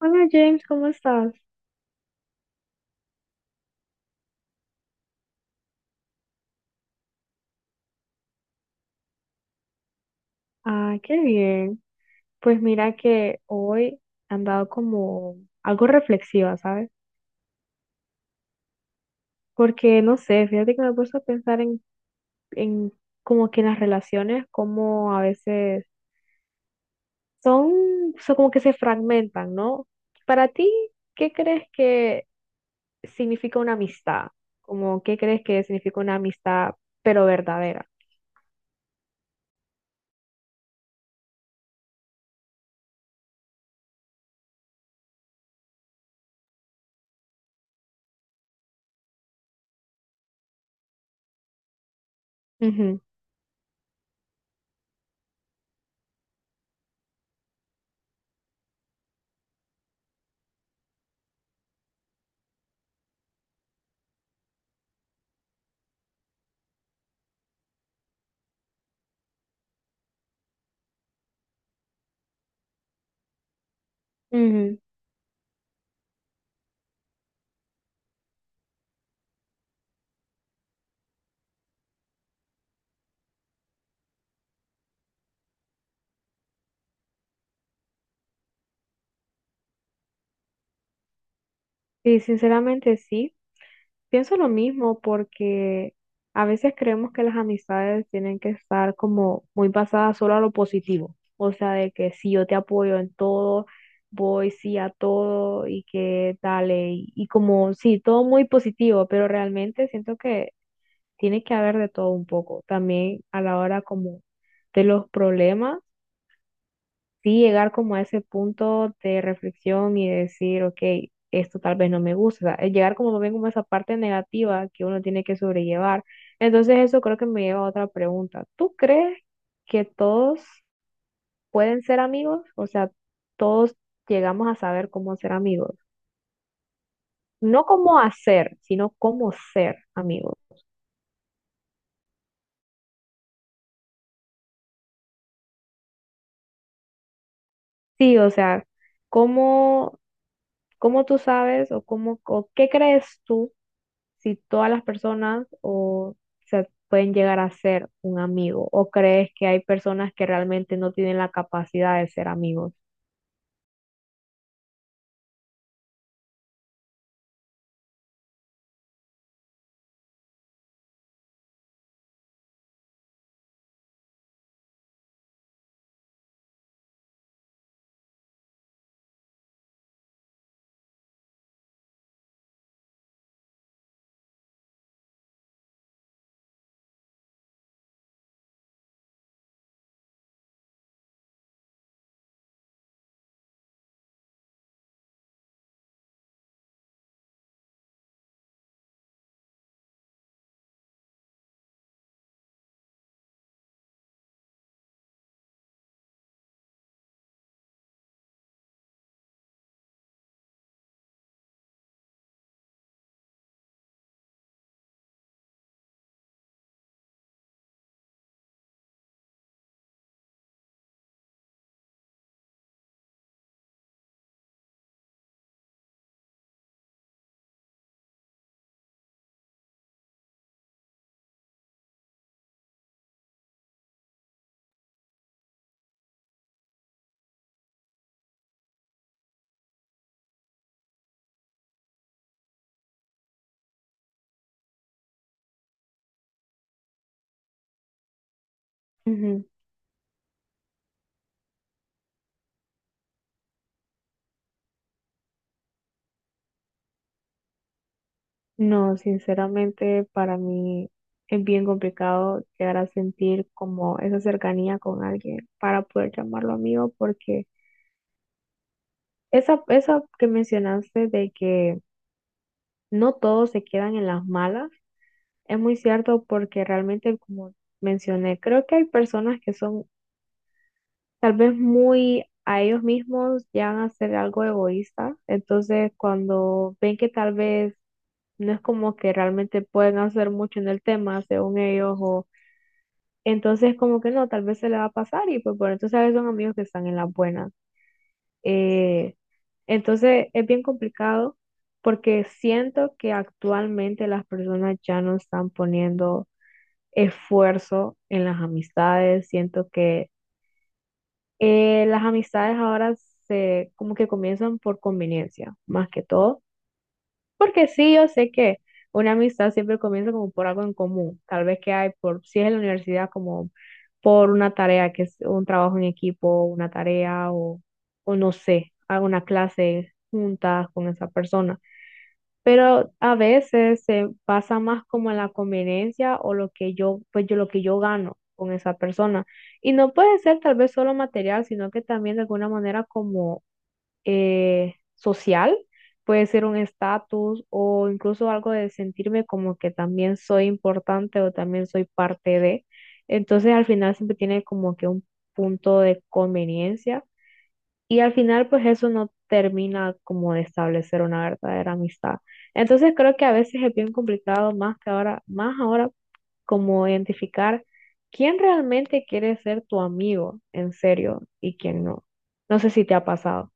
Hola James, ¿cómo estás? Ah, qué bien. Pues mira que hoy he andado como algo reflexiva, ¿sabes? Porque no sé, fíjate que me he puesto a pensar en como que las relaciones, como a veces son como que se fragmentan, ¿no? Para ti, ¿qué crees que significa una amistad? Como, ¿qué crees que significa una amistad, pero verdadera? Ujú, ujú. Sí, sinceramente sí. Pienso lo mismo porque a veces creemos que las amistades tienen que estar como muy basadas solo a lo positivo, o sea, de que si yo te apoyo en todo, voy sí a todo y que dale, y como sí, todo muy positivo, pero realmente siento que tiene que haber de todo un poco, también a la hora como de los problemas sí llegar como a ese punto de reflexión y decir, ok, esto tal vez no me gusta, o sea, llegar como también como a esa parte negativa que uno tiene que sobrellevar. Entonces eso creo que me lleva a otra pregunta. ¿Tú crees que todos pueden ser amigos? O sea, todos llegamos a saber cómo ser amigos. No cómo hacer, sino cómo ser amigos. Sí, o sea, cómo, cómo tú sabes o cómo, o qué crees tú si todas las personas o se pueden llegar a ser un amigo o crees que hay personas que realmente no tienen la capacidad de ser amigos. Ujú. No, sinceramente para mí es bien complicado llegar a sentir como esa cercanía con alguien para poder llamarlo amigo porque esa que mencionaste de que no todos se quedan en las malas es muy cierto porque realmente como mencioné, creo que hay personas que son tal vez muy a ellos mismos llegan a ser algo egoísta. Entonces, cuando ven que tal vez no es como que realmente pueden hacer mucho en el tema, según ellos, o entonces como que no, tal vez se le va a pasar y pues bueno, entonces a veces son amigos que están en las buenas. Eh, entonces, es bien complicado porque siento que actualmente las personas ya no están poniendo esfuerzo en las amistades, siento que las amistades ahora se como que comienzan por conveniencia, más que todo, porque sí, yo sé que una amistad siempre comienza como por algo en común, tal vez que hay por, si es en la universidad, como por una tarea, que es un trabajo en equipo, una tarea o no sé, alguna clase juntas con esa persona pero a veces se pasa más como en la conveniencia o lo que yo, pues yo lo que yo gano con esa persona. Y no puede ser tal vez solo material, sino que también de alguna manera como social, puede ser un estatus o incluso algo de sentirme como que también soy importante o también soy parte de. Entonces al final siempre tiene como que un punto de conveniencia y al final, pues eso no termina como de establecer una verdadera amistad. Entonces creo que a veces es bien complicado, más que ahora, más ahora, como identificar quién realmente quiere ser tu amigo en serio y quién no. No sé si te ha pasado.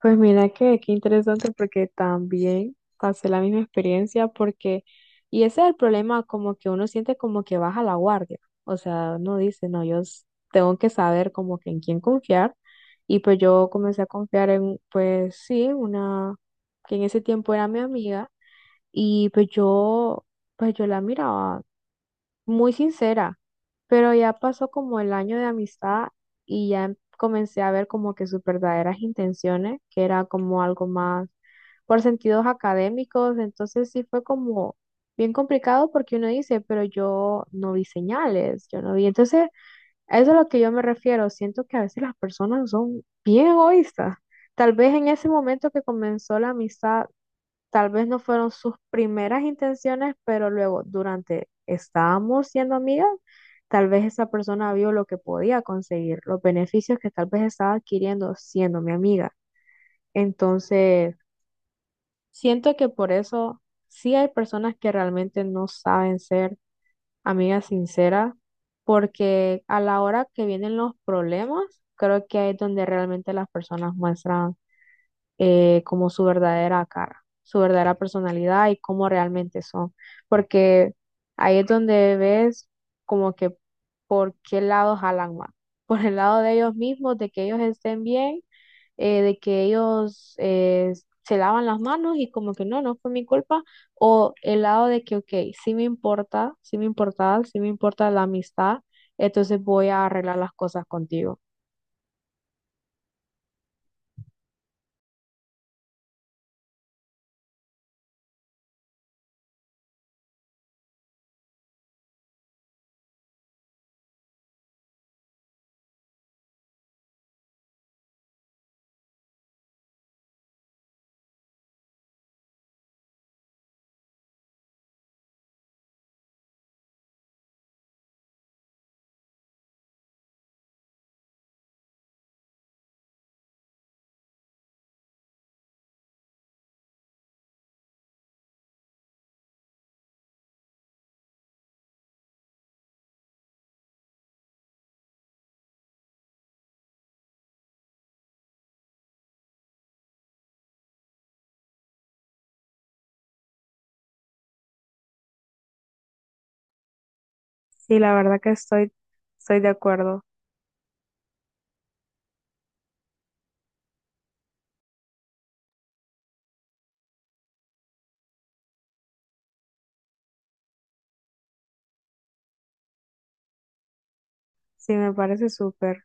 Pues mira que qué interesante porque también pasé la misma experiencia porque, y ese es el problema, como que uno siente como que baja la guardia, o sea, uno dice, no, tengo que saber como que en quién confiar, y pues yo comencé a confiar en, pues sí, una que en ese tiempo era mi amiga, y pues yo, pues yo la miraba muy sincera, pero ya pasó como el año de amistad y comencé a ver como que sus verdaderas intenciones, que era como algo más por sentidos académicos, entonces sí fue como bien complicado porque uno dice, pero yo no vi señales, yo no vi, entonces a eso es a lo que yo me refiero, siento que a veces las personas son bien egoístas. Tal vez en ese momento que comenzó la amistad tal vez no fueron sus primeras intenciones, pero luego durante estábamos siendo amigas, tal vez esa persona vio lo que podía conseguir, los beneficios que tal vez estaba adquiriendo siendo mi amiga. Entonces, siento que por eso sí hay personas que realmente no saben ser amigas sinceras, porque a la hora que vienen los problemas, creo que ahí es donde realmente las personas muestran como su verdadera cara, su verdadera personalidad y cómo realmente son. Porque ahí es donde ves como que por qué lado jalan más. Por el lado de ellos mismos, de que ellos estén bien, de que ellos se lavan las manos y como que no, no fue mi culpa. O el lado de que, ok, sí me importa, sí me importa, sí me importa la amistad, entonces voy a arreglar las cosas contigo. Sí, la verdad que estoy de acuerdo. Sí, me parece súper.